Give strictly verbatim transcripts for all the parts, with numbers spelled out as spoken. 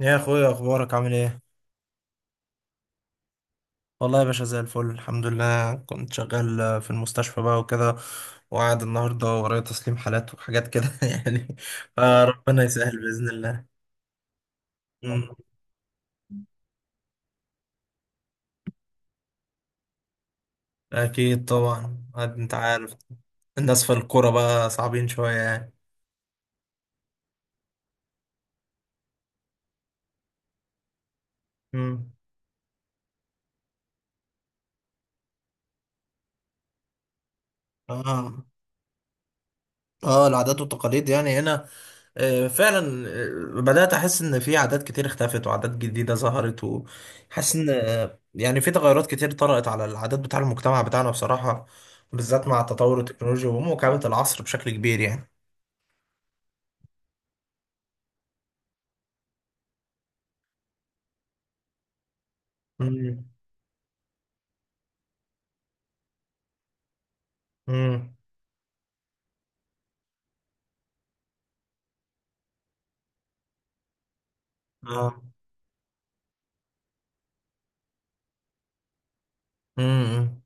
يا اخويا، اخبارك عامل ايه؟ والله يا باشا، زي الفل الحمد لله. كنت شغال في المستشفى بقى وكده، وقاعد النهارده ورايا تسليم حالات وحاجات كده يعني. فربنا يسهل باذن الله. أمم، اكيد طبعا، عاد انت عارف، الناس في الكوره بقى صعبين شويه يعني. أمم. اه، اه، العادات والتقاليد يعني هنا. آه، فعلا. آه، بدأت أحس إن في عادات كتير اختفت وعادات جديدة ظهرت، وحاسس إن آه، يعني في تغيرات كتير طرأت على العادات بتاع المجتمع بتاعنا بصراحة، بالذات مع تطور التكنولوجيا ومواكبة العصر بشكل كبير يعني. امم. امم. اه. امم.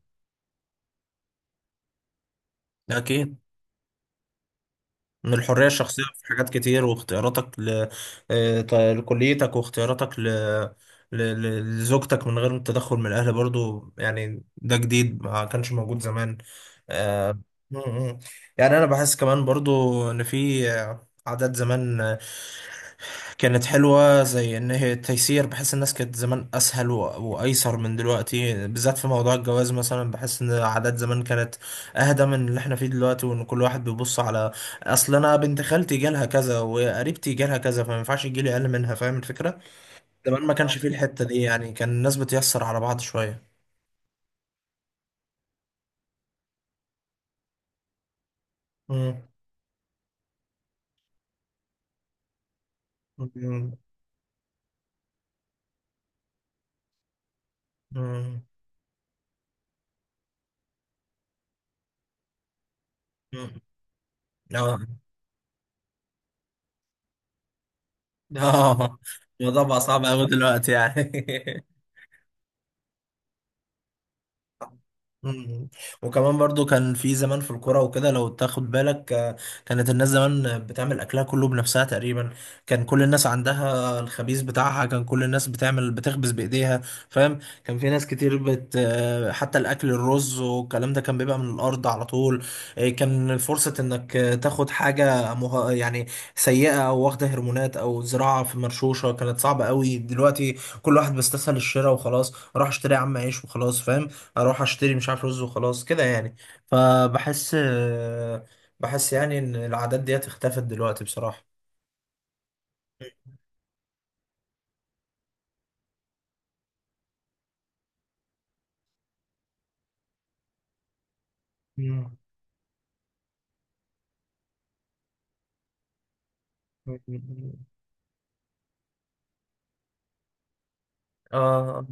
أكيد. من الحرية الشخصية في حاجات كتير، واختياراتك ل... آه، ط- لكليتك، واختياراتك ل... ل... ل- لزوجتك من غير التدخل من الأهل برضو، يعني ده جديد ما كانش موجود زمان. آه، م- م. يعني أنا بحس كمان برضو إن في آه، عادات زمان كانت حلوة، زي إن هي تيسير. بحس الناس كانت زمان أسهل و- وأيسر من دلوقتي، بالذات في موضوع الجواز مثلا. بحس إن العادات زمان كانت أهدى من اللي إحنا فيه دلوقتي، وإن كل واحد بيبص على أصل أنا بنت خالتي جالها كذا، وقريبتي جالها كذا، فما ينفعش يجيلي أقل منها. فاهم الفكرة؟ زمان ما كانش آه. فيه الحتة دي، يعني كان الناس بتيسر على بعض شوية. مم. مم. مم. مم. آه، آه، الموضوع بقى صعب أوي دلوقتي يعني مم. وكمان برضو كان في زمان في الكرة وكده، لو تاخد بالك آه، كانت الناس زمان بتعمل أكلها كله بنفسها تقريبا. كان كل الناس عندها الخبيز بتاعها، كان كل الناس بتعمل بتخبز بإيديها، فاهم. كان في ناس كتير بت آه، حتى الأكل، الرز والكلام ده كان بيبقى من الأرض على طول. آه، كان فرصة إنك آه، تاخد حاجة مه... يعني سيئة، أو واخدة هرمونات، أو زراعة في مرشوشة، كانت صعبة قوي دلوقتي. كل واحد بيستسهل الشراء وخلاص. راح اشتري يا عم عيش وخلاص، فاهم. اروح اشتري مش عارف رز وخلاص كده يعني. فبحس بحس يعني ان العادات ديت اختفت دلوقتي بصراحة. مم. مم. اه،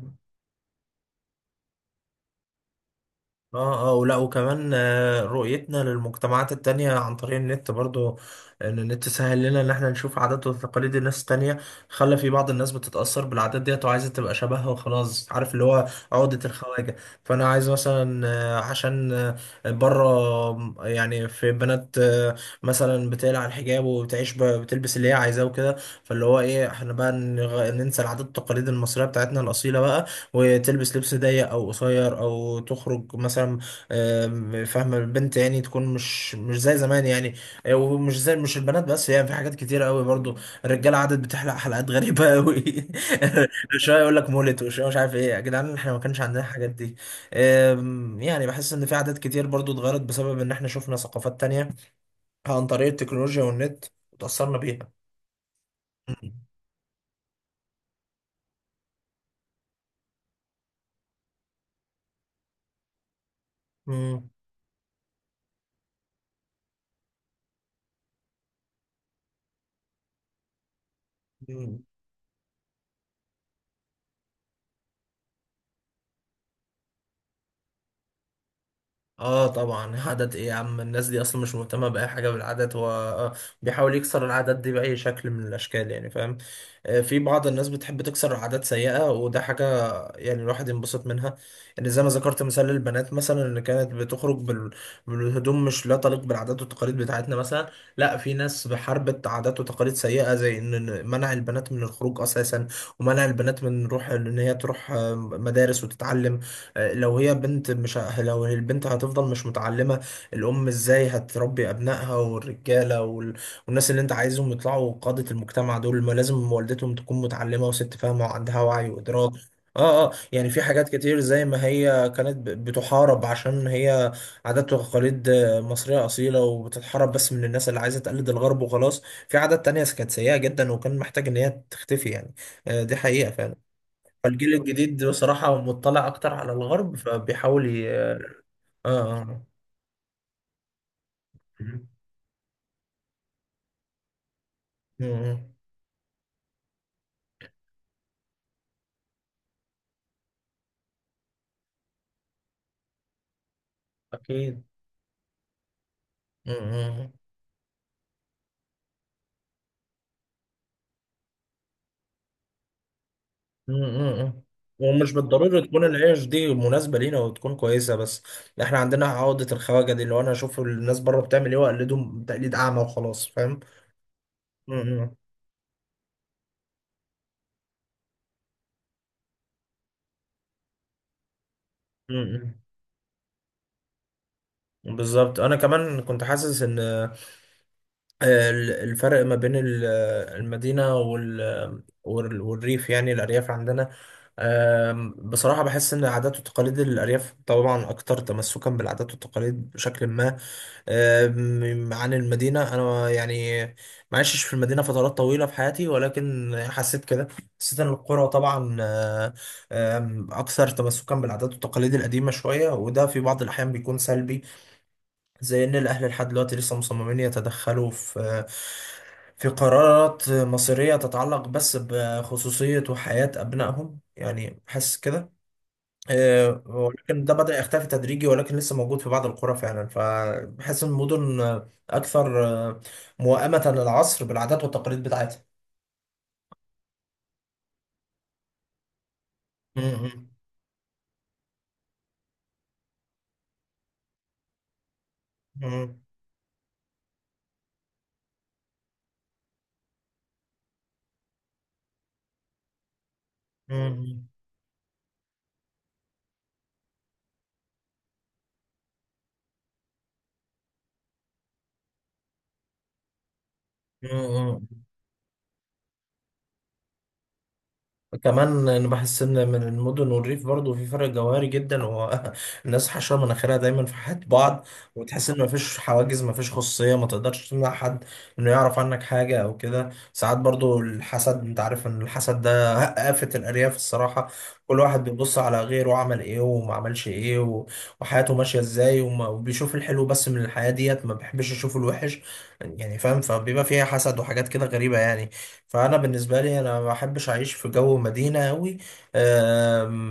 اه، اه، ولا، وكمان آه، رؤيتنا للمجتمعات التانية عن طريق النت برضو. ان النت سهل لنا ان احنا نشوف عادات وتقاليد الناس التانية، خلى في بعض الناس بتتأثر بالعادات ديت وعايزة تبقى شبهها وخلاص. عارف اللي هو عقدة الخواجة. فانا عايز مثلا آه، عشان آه، بره. آم، يعني في بنات آه، مثلا بتقلع الحجاب، وبتعيش ب- بتلبس اللي هي عايزاه وكده. فاللي هو ايه، احنا بقى نغ- ننسى العادات والتقاليد المصرية بتاعتنا الأصيلة بقى، وتلبس لبس ضيق او قصير او تخرج مثلا. آم، فاهمه البنت، يعني تكون مش مش زي زمان يعني. آه، ومش زي مش البنات بس، يعني في حاجات كتيره قوي برضو. الرجاله عادت بتحلق حلقات غريبه قوي شويه يقول لك مولت، وشويه مش عارف ايه، يا جدعان احنا ما كانش عندنا الحاجات دي. آم، يعني بحس ان في عادات كتير برضو اتغيرت، بسبب ان احنا شفنا ثقافات تانية عن طريق التكنولوجيا والنت، وتاثرنا بيها. مم. مم. اه طبعا، عادات ايه يا عم! الناس دي اصلا مش مهتمه باي حاجه بالعادات. هو آه، بيحاول يكسر العادات دي باي شكل من الاشكال، يعني فاهم. آه، في بعض الناس بتحب تكسر عادات سيئه، وده حاجه يعني الواحد ينبسط منها. يعني زي ما ذكرت مثال للبنات، مثلا اللي كانت بتخرج بال... بالهدوم مش لا تليق بالعادات والتقاليد بتاعتنا مثلا. لا، في ناس بحاربت عادات وتقاليد سيئة، زي ان إن منع البنات من الخروج اساسا، ومنع البنات من روح ان هي تروح آه، مدارس وتتعلم. آه، لو هي بنت مش ه- لو البنت هتفضل مش متعلمة، الام ازاي هتربي ابنائها، والرجالة وال... والناس اللي انت عايزهم يطلعوا قادة المجتمع دول، ما لازم والدتهم تكون متعلمة وست فاهمة وعندها وعي وإدراك. اه، اه، يعني في حاجات كتير زي ما هي كانت ب- بتحارب عشان هي عادات وتقاليد آه، مصرية أصيلة، وبتتحارب بس من الناس اللي عايزة تقلد الغرب وخلاص. في عادات تانية كانت سيئة جدا، وكان محتاج إن هي تختفي يعني. آه، دي حقيقة فعلا. فالجيل الجديد بصراحة مطلع أكتر على الغرب، فبيحاول ي... اه اه آه. م- م. أكيد. م- م. امم. ومش بالضرورة تكون العيش دي مناسبة لينا وتكون كويسة، بس احنا عندنا عقدة الخواجة دي، اللي هو انا اشوف الناس بره بتعمل ايه واقلدهم تقليد اعمى وخلاص، فاهم. امم. امم. بالظبط. انا كمان كنت حاسس ان آه، ال- الفرق ما بين ال- آه، المدينة وال- وال- والريف، يعني الارياف عندنا. آم، بصراحة بحس ان عادات وتقاليد الارياف طبعا اكتر تمسكا بالعادات والتقاليد بشكل ما. أم، عن المدينة، أنا يعني ما عشتش في المدينة فترات طويلة في حياتي، ولكن يعني حسيت كده. حسيت إن القرى طبعا آه، آم، أكثر تمسكا بالعادات والتقاليد القديمة شوية، وده في بعض الأحيان بيكون سلبي، زي إن الأهل لحد دلوقتي لسه مصممين يتدخلوا في في قرارات مصيرية تتعلق بس بخصوصية وحياة أبنائهم، يعني حاسس كده. آه، ولكن ده بدأ يختفي تدريجي، ولكن لسه موجود في بعض القرى فعلا. فبحس إن المدن آه، أكثر آه، موائمة للعصر بالعادات والتقاليد بتاعتها. مم. مم. مم. مم. مم. مم. كمان انا بحس ان من المدن والريف برضه في فرق جوهري جدا، هو الناس حشره مناخيرها دايما في حياه بعض. وتحس ان مفيش حواجز، مفيش خصوصيه، ما تقدرش تمنع حد انه يعرف عنك حاجه او كده. ساعات برضه الحسد، انت عارف ان الحسد ده آفة الارياف الصراحه. كل واحد بيبص على غيره عمل ايه وما عملش ايه و- وحياته ماشيه ازاي، وما- وبيشوف الحلو بس من الحياه ديت، ما بيحبش يشوف الوحش، يعني فاهم. فبيبقى فيها حسد وحاجات كده غريبه يعني. فانا بالنسبه لي انا ما بحبش اعيش في جو مدينه قوي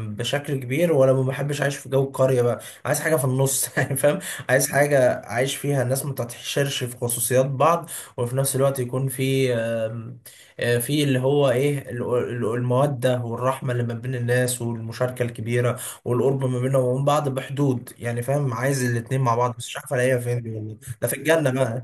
بشكل كبير، ولا ما بحبش اعيش في جو قريه بقى. عايز حاجه في النص يعني فاهم. عايز حاجه اعيش فيها الناس ما تتحشرش في خصوصيات بعض، وفي نفس الوقت يكون في آم، آه، في اللي هو ايه ال- ال- الموده والرحمه اللي ما بين الناس، والمشاركه الكبيره والقرب ما بينهم وبين بعض بحدود، يعني فاهم. عايز الاتنين مع بعض، بس مش عارف الاقيها فين دي والله. ده في الجنه بقى.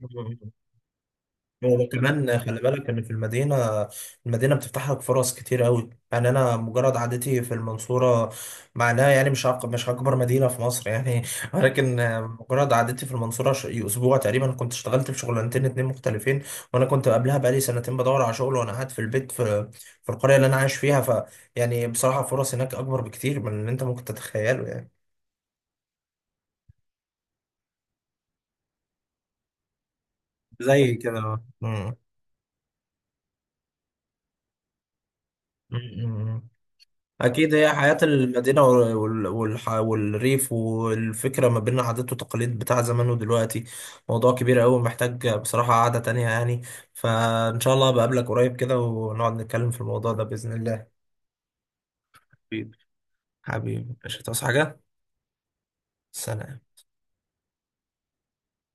هو كمان خلي بالك ان في المدينه، المدينه بتفتح لك فرص كتير قوي. يعني انا مجرد عادتي في المنصوره معناها يعني مش أك- مش اكبر مدينه في مصر يعني ولكن مجرد عادتي في المنصوره ش- اسبوع تقريبا كنت اشتغلت في شغلانتين اتنين مختلفين، وانا كنت قبلها بقالي سنتين بدور على شغل، وانا قاعد في البيت في في القريه اللي انا عايش فيها ف يعني بصراحه الفرص هناك اكبر بكتير من اللي انت ممكن تتخيله يعني. زي كده. مم. مم. أكيد هي حياة المدينة وال- والح- والريف، والفكرة ما بين عادات وتقاليد بتاع زمان ودلوقتي، موضوع كبير أوي محتاج بصراحة قعدة تانية يعني. فإن شاء الله بقابلك قريب كده، ونقعد نتكلم في الموضوع ده بإذن الله. أكيد. حبيبي، مش هتعوز حاجة. سلام.